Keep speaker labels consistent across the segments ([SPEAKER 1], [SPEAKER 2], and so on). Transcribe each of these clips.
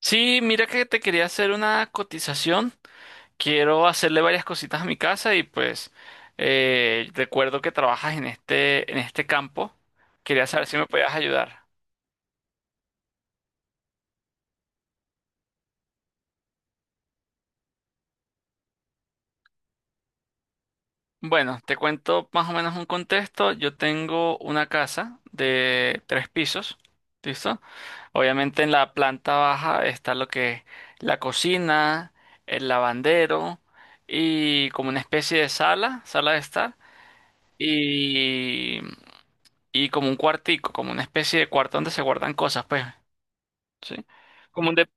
[SPEAKER 1] Sí, mira que te quería hacer una cotización. Quiero hacerle varias cositas a mi casa y pues recuerdo que trabajas en este campo. Quería saber si me podías ayudar. Bueno, te cuento más o menos un contexto. Yo tengo una casa de tres pisos, ¿listo? Obviamente en la planta baja está lo que es la cocina, el lavandero y como una especie de sala, sala de estar. Y y como un cuartico, como una especie de cuarto donde se guardan cosas, pues, ¿sí? Como un, de-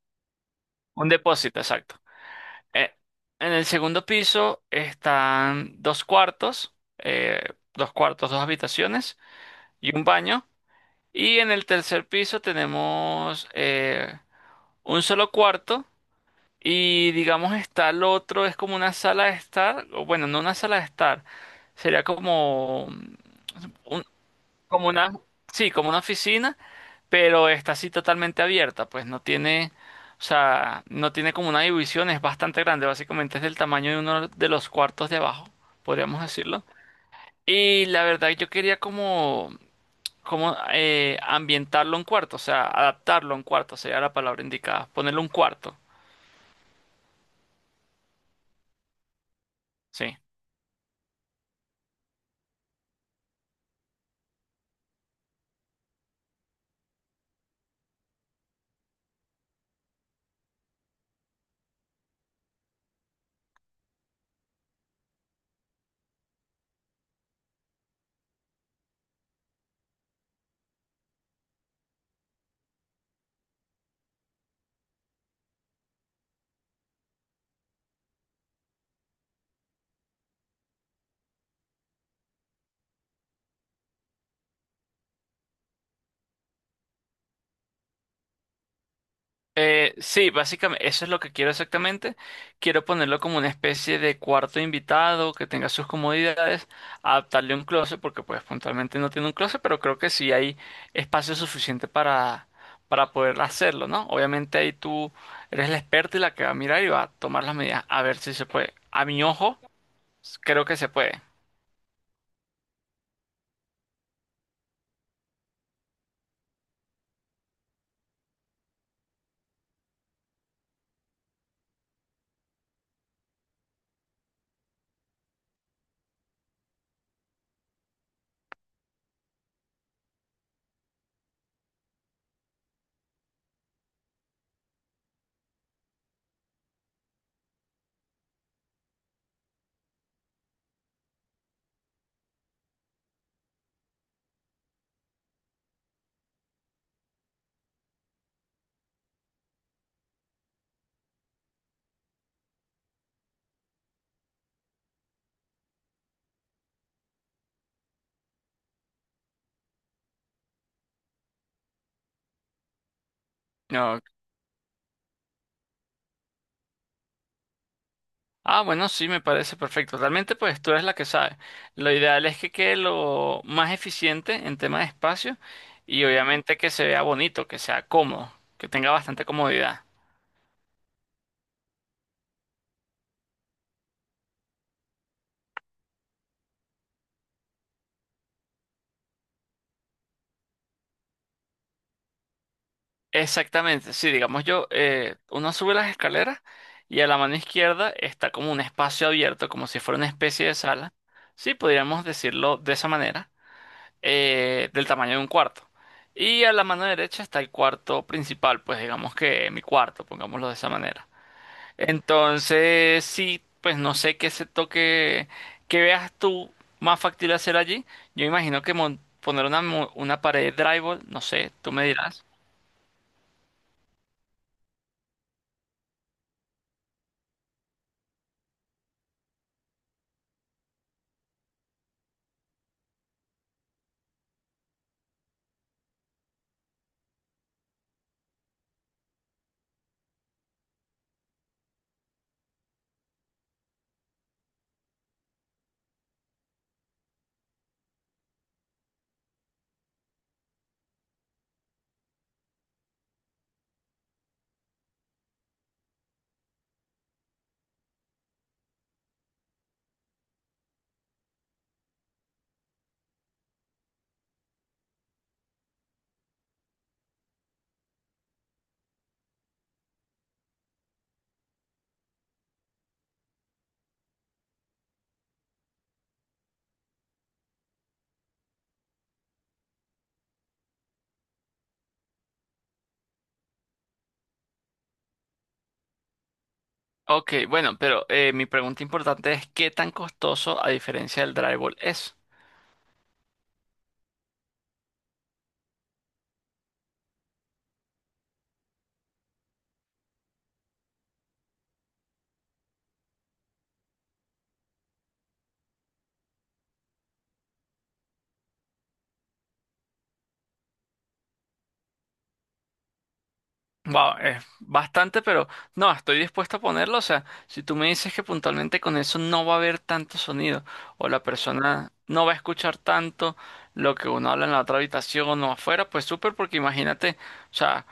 [SPEAKER 1] un depósito, exacto. Eh, en el segundo piso están dos cuartos, dos habitaciones y un baño. Y en el tercer piso tenemos un solo cuarto y digamos está el otro, es como una sala de estar, o bueno, no una sala de estar, sería como, como una, sí, como una oficina, pero está así totalmente abierta, pues no tiene, o sea, no tiene como una división, es bastante grande, básicamente es del tamaño de uno de los cuartos de abajo, podríamos decirlo. Y la verdad yo quería como, como ambientarlo en cuarto, o sea, adaptarlo en cuarto, sería la palabra indicada, ponerle un cuarto, sí. Sí, básicamente eso es lo que quiero exactamente. Quiero ponerlo como una especie de cuarto invitado que tenga sus comodidades, adaptarle un closet, porque pues puntualmente no tiene un closet, pero creo que sí hay espacio suficiente para poder hacerlo, ¿no? Obviamente ahí tú eres la experta y la que va a mirar y va a tomar las medidas a ver si se puede. A mi ojo, creo que se puede. No, ah, bueno, sí, me parece perfecto. Realmente, pues tú eres la que sabe. Lo ideal es que quede lo más eficiente en tema de espacio y obviamente que se vea bonito, que sea cómodo, que tenga bastante comodidad. Exactamente, sí, digamos, uno sube las escaleras y a la mano izquierda está como un espacio abierto, como si fuera una especie de sala. Sí, podríamos decirlo de esa manera, del tamaño de un cuarto. Y a la mano derecha está el cuarto principal, pues digamos que mi cuarto, pongámoslo de esa manera. Entonces, sí, pues no sé qué se toque, qué veas tú más factible hacer allí. Yo imagino que poner una, una pared de drywall, no sé, tú me dirás. Ok, bueno, pero mi pregunta importante es, ¿qué tan costoso a diferencia del drywall es? Wow, es bastante, pero no, estoy dispuesto a ponerlo. O sea, si tú me dices que puntualmente con eso no va a haber tanto sonido, o la persona no va a escuchar tanto lo que uno habla en la otra habitación o afuera, pues súper, porque imagínate, o sea,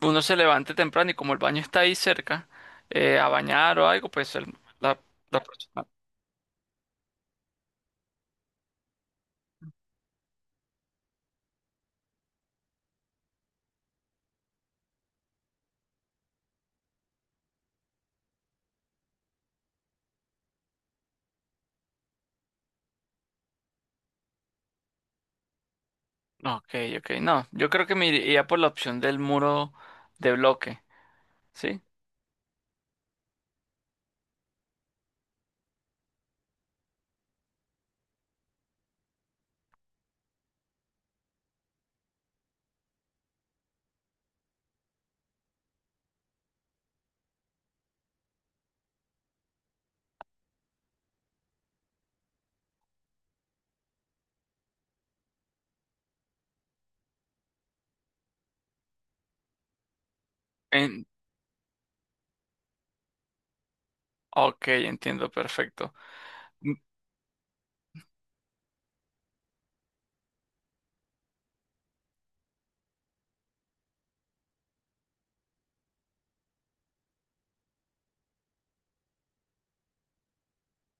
[SPEAKER 1] uno se levante temprano y como el baño está ahí cerca, a bañar o algo, pues la, la persona. Ok, ok, no, yo creo que me iría por la opción del muro de bloque, ¿sí? En, ok, entiendo, perfecto. Mm.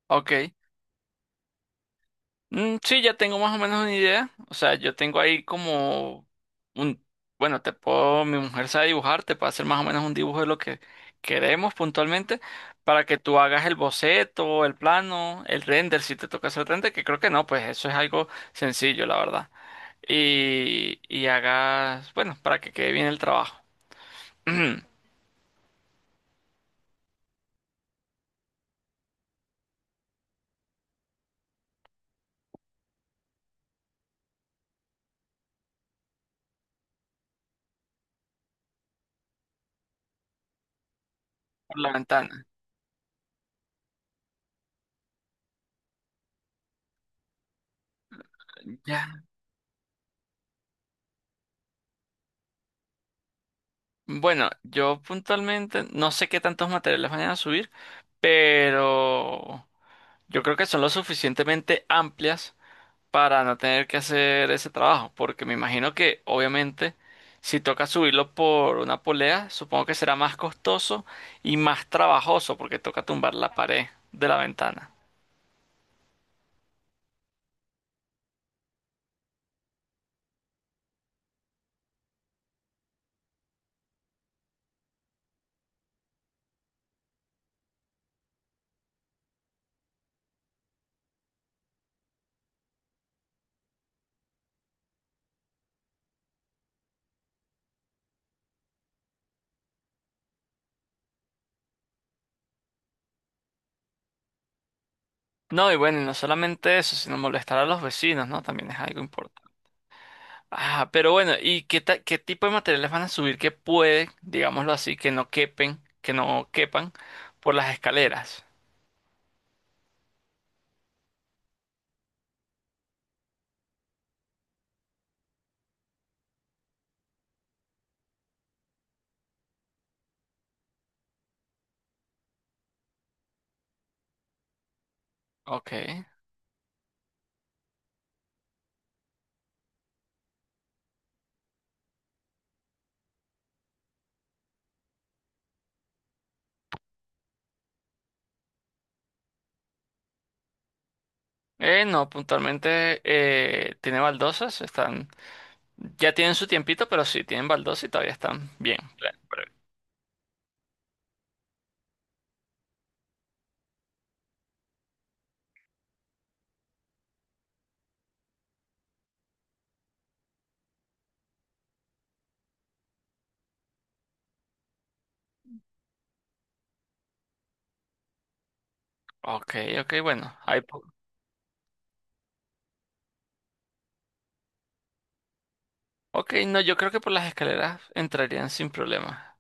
[SPEAKER 1] Ok. Mm, sí, ya tengo más o menos una idea. O sea, yo tengo ahí como un, bueno, te puedo, mi mujer sabe dibujar, te puede hacer más o menos un dibujo de lo que queremos puntualmente para que tú hagas el boceto, el plano, el render, si te toca hacer render, que creo que no, pues eso es algo sencillo, la verdad. Y hagas, bueno, para que quede bien el trabajo. Por la ventana. Ya. Bueno, yo puntualmente no sé qué tantos materiales vayan a subir, pero... Yo creo que son lo suficientemente amplias para no tener que hacer ese trabajo, porque me imagino que obviamente si toca subirlo por una polea, supongo que será más costoso y más trabajoso porque toca tumbar la pared de la ventana. No, y bueno, y no solamente eso, sino molestar a los vecinos, ¿no? También es algo importante. Ah, pero bueno, ¿ qué tipo de materiales van a subir que pueden, digámoslo así, que no quepen, que no quepan por las escaleras? Ok. No, puntualmente tiene baldosas, están, ya tienen su tiempito, pero sí, tienen baldosas y todavía están bien. Bien, breve. Ok, ok, bueno, ok, no, yo creo que por las escaleras entrarían sin problema.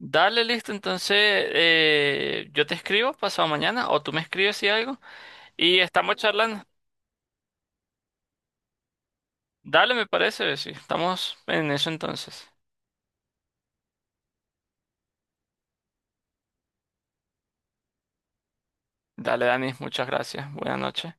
[SPEAKER 1] Dale, listo, entonces yo te escribo pasado mañana o tú me escribes si algo y estamos charlando. Dale, me parece, sí, estamos en eso entonces. Dale, Dani, muchas gracias, buenas noches.